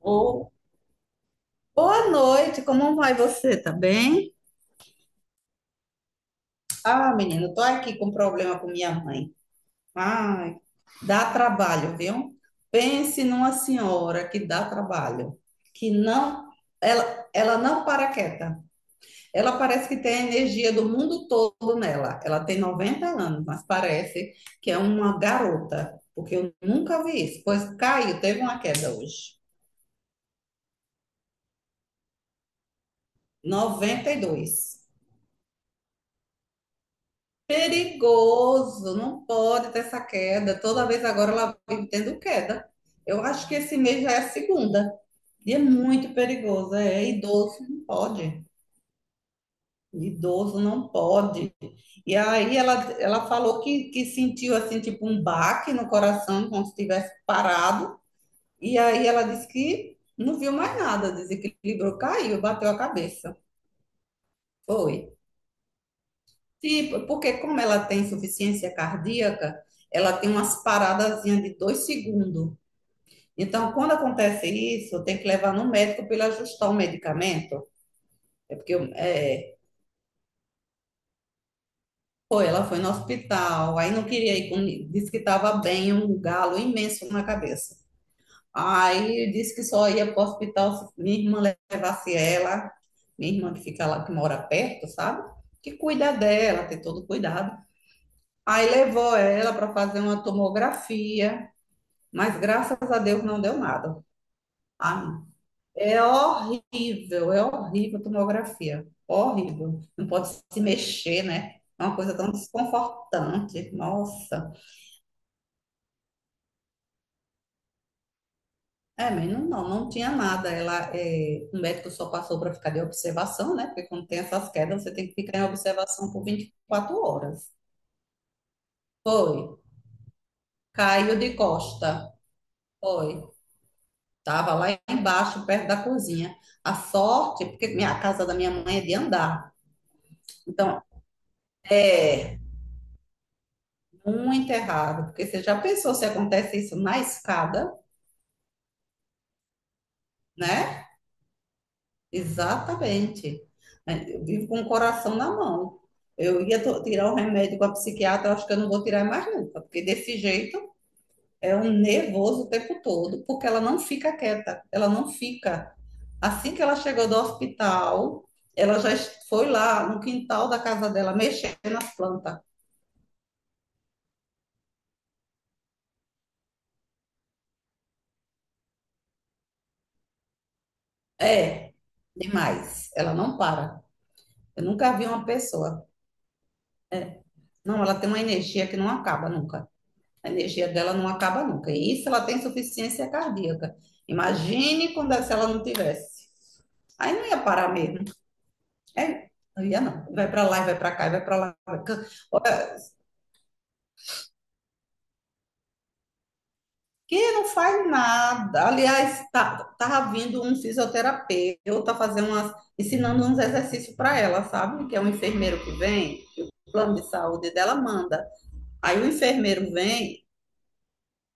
Ô, boa noite, como vai você? Tá bem? Ah, menino, tô aqui com problema com minha mãe. Ai, dá trabalho, viu? Pense numa senhora que dá trabalho, que não, ela não para quieta. Ela parece que tem a energia do mundo todo nela. Ela tem 90 anos, mas parece que é uma garota, porque eu nunca vi isso. Pois caiu, teve uma queda hoje. 92. Perigoso, não pode ter essa queda. Toda vez agora ela vive tendo queda. Eu acho que esse mês já é a segunda. E é muito perigoso. É, idoso não pode. Idoso não pode. E aí ela falou que sentiu assim, tipo um baque no coração, como se tivesse parado. E aí ela disse que não viu mais nada, desequilibrou, caiu, bateu a cabeça. Foi. Sim, porque como ela tem insuficiência cardíaca, ela tem umas paradazinhas de 2 segundos. Então, quando acontece isso, tem que levar no médico para ele ajustar o medicamento. É porque é, foi, ela foi no hospital, aí não queria ir, disse que estava bem, um galo imenso na cabeça. Aí disse que só ia para o hospital se minha irmã levasse ela, minha irmã que fica lá, que mora perto, sabe? Que cuida dela, tem todo cuidado. Aí levou ela para fazer uma tomografia. Mas graças a Deus não deu nada. Ah, é horrível a tomografia. Horrível. Não pode se mexer, né? É uma coisa tão desconfortante. Nossa. É, mas não, não tinha nada. Ela, é, o médico só passou para ficar de observação, né? Porque quando tem essas quedas, você tem que ficar em observação por 24 horas. Foi. Caiu de costa. Foi. Tava lá embaixo, perto da cozinha. A sorte, porque a casa da minha mãe é de andar. Então, é, muito errado, porque você já pensou se acontece isso na escada, né? Exatamente. É, eu vivo com o coração na mão. Eu ia tirar o remédio com a psiquiatra, eu acho que eu não vou tirar mais nunca, porque desse jeito é um nervoso o tempo todo, porque ela não fica quieta, ela não fica. Assim que ela chegou do hospital, ela já foi lá no quintal da casa dela mexendo nas plantas. É, demais. Ela não para. Eu nunca vi uma pessoa. Não, ela tem uma energia que não acaba nunca. A energia dela não acaba nunca. E isso ela tem insuficiência cardíaca. Imagine quando é, se ela não tivesse. Aí não ia parar mesmo. É, não ia não. Vai para lá, vai para cá, vai para lá. Vai cá. Olha, que não faz nada. Aliás, tá vindo um fisioterapeuta fazer umas, ensinando uns exercícios para ela, sabe? Que é um enfermeiro que vem, que o plano de saúde dela manda. Aí o enfermeiro vem.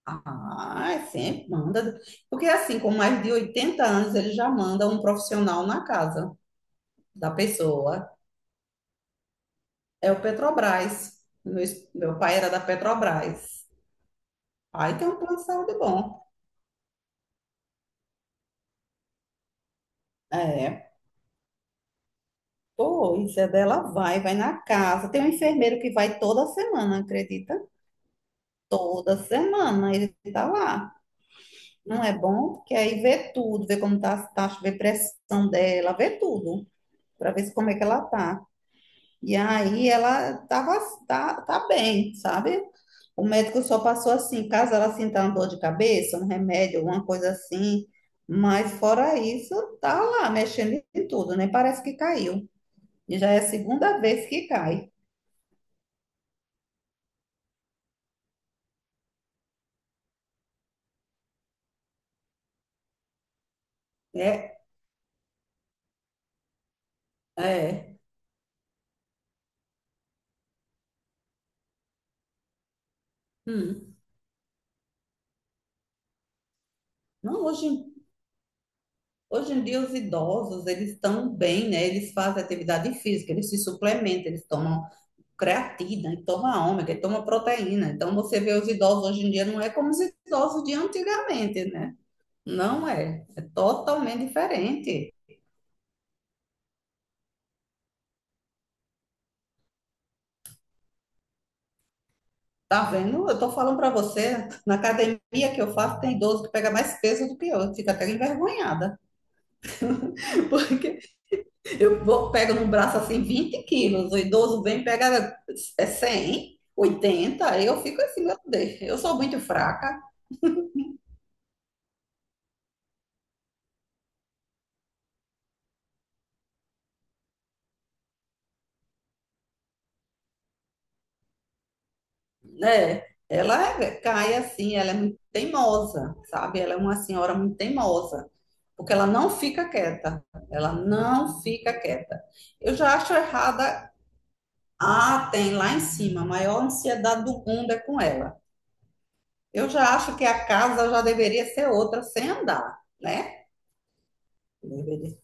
Ah, é sempre manda. Porque assim, com mais de 80 anos, ele já manda um profissional na casa da pessoa. É o Petrobras. Meu, meu pai era da Petrobras. Aí tem um plano de saúde bom. É, pois, é dela vai, vai na casa. Tem um enfermeiro que vai toda semana, acredita? Toda semana ele tá lá. Não é bom? Porque aí vê tudo, vê como tá as taxas, vê pressão dela, vê tudo, para ver como é que ela tá. E aí ela tava, tá bem, sabe? O médico só passou assim, caso ela sinta uma dor de cabeça, um remédio, alguma coisa assim. Mas fora isso, tá lá mexendo em tudo, nem parece que caiu. E já é a segunda vez que cai. É, é. Hum. Não, hoje em dia os idosos, eles estão bem, né? Eles fazem atividade física, eles se suplementam, eles tomam creatina, e toma ômega, e toma proteína. Então você vê os idosos hoje em dia não é como os idosos de antigamente, né? Não é, é totalmente diferente. Tá vendo? Eu tô falando para você, na academia que eu faço tem idoso que pega mais peso do que eu, fica até envergonhada, porque eu vou, pego no braço assim 20 quilos, o idoso vem e pega é 100, 80, aí eu fico assim, meu Deus, eu sou muito fraca, né? Ela cai assim, ela é muito teimosa, sabe? Ela é uma senhora muito teimosa, porque ela não fica quieta, ela não fica quieta. Eu já acho errada. Ah, tem lá em cima, a maior ansiedade do mundo é com ela. Eu já acho que a casa já deveria ser outra sem andar, né? Deveria.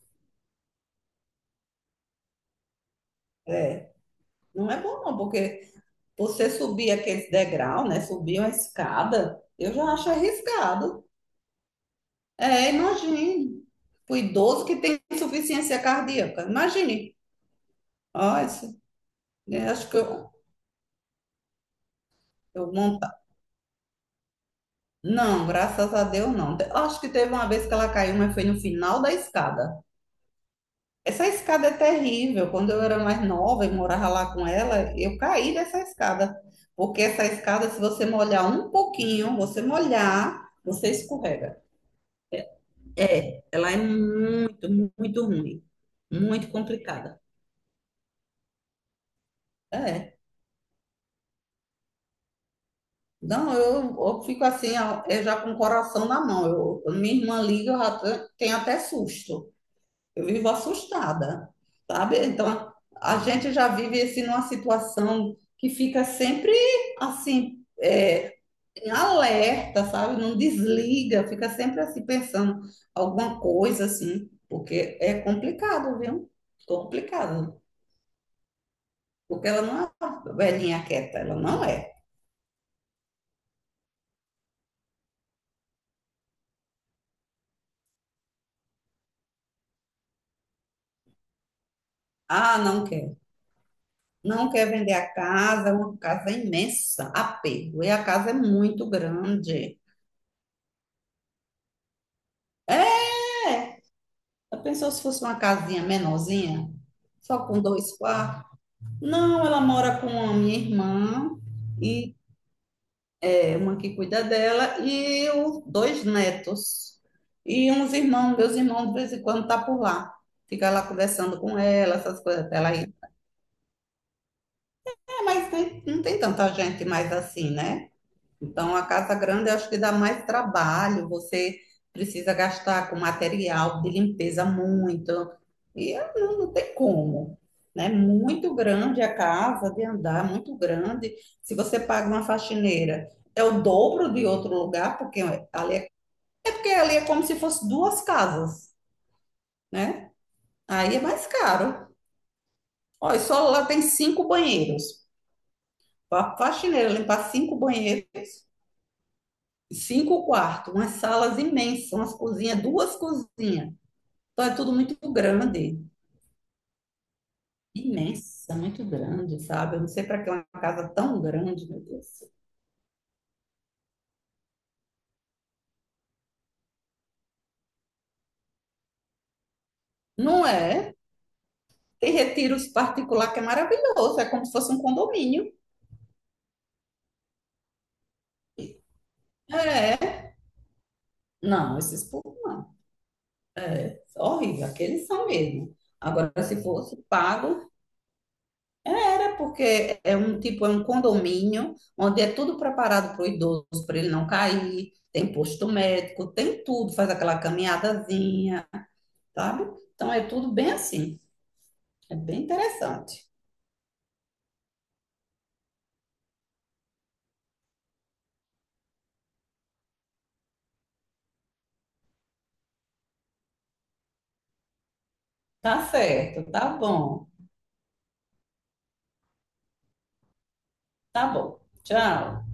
Não é bom, não, porque você subir aquele degrau, né? Subir uma escada, eu já acho arriscado. É, imagine. O idoso que tem insuficiência cardíaca. Imagine. Ó, é, acho que eu monta. Não, graças a Deus não. Acho que teve uma vez que ela caiu, mas foi no final da escada. Essa escada é terrível. Quando eu era mais nova e morava lá com ela, eu caí dessa escada. Porque essa escada, se você molhar um pouquinho, você molhar, você escorrega. É, ela é muito, muito ruim. Muito complicada. É. Não, eu fico assim, ó, eu já com o coração na mão. Eu, quando minha irmã liga, eu já tenho até susto. Eu vivo assustada, sabe? Então, a gente já vive assim numa situação que fica sempre assim, é, em alerta, sabe? Não desliga, fica sempre assim pensando alguma coisa assim, porque é complicado, viu? Complicado. Porque ela não é uma velhinha quieta, ela não é. Ah, não quer. Não quer vender a casa, é uma casa imensa, apego. E a casa é muito grande. É, eu pensou se fosse uma casinha menorzinha, só com 2 quartos? Não, ela mora com a minha irmã e é uma que cuida dela e os 2 netos. E uns irmãos, meus irmãos, de vez em quando tá por lá. Fica lá conversando com ela, essas coisas até ela ir. É, mas não tem tanta gente mais assim, né? Então, a casa grande eu acho que dá mais trabalho, você precisa gastar com material de limpeza muito, e não, tem como, né? Muito grande a casa de andar, muito grande. Se você paga uma faxineira, é o dobro de outro lugar, porque ali é, é porque ali é como se fosse 2 casas, né? Aí é mais caro. Olha, só lá tem 5 banheiros. A faxineira limpar 5 banheiros, 5 quartos, umas salas imensas, umas cozinhas, 2 cozinhas. Então é tudo muito grande, imensa, muito grande, sabe? Eu não sei para que é uma casa tão grande, meu Deus. Não é? Tem retiros particular que é maravilhoso, é como se fosse um condomínio. É. Não, esses povos não. É horrível, aqueles são mesmo. Agora, se fosse pago, porque é um tipo, é um condomínio onde é tudo preparado para o idoso, para ele não cair, tem posto médico, tem tudo, faz aquela caminhadazinha, sabe? Então é tudo bem assim, é bem interessante. Tá certo, tá bom. Tchau.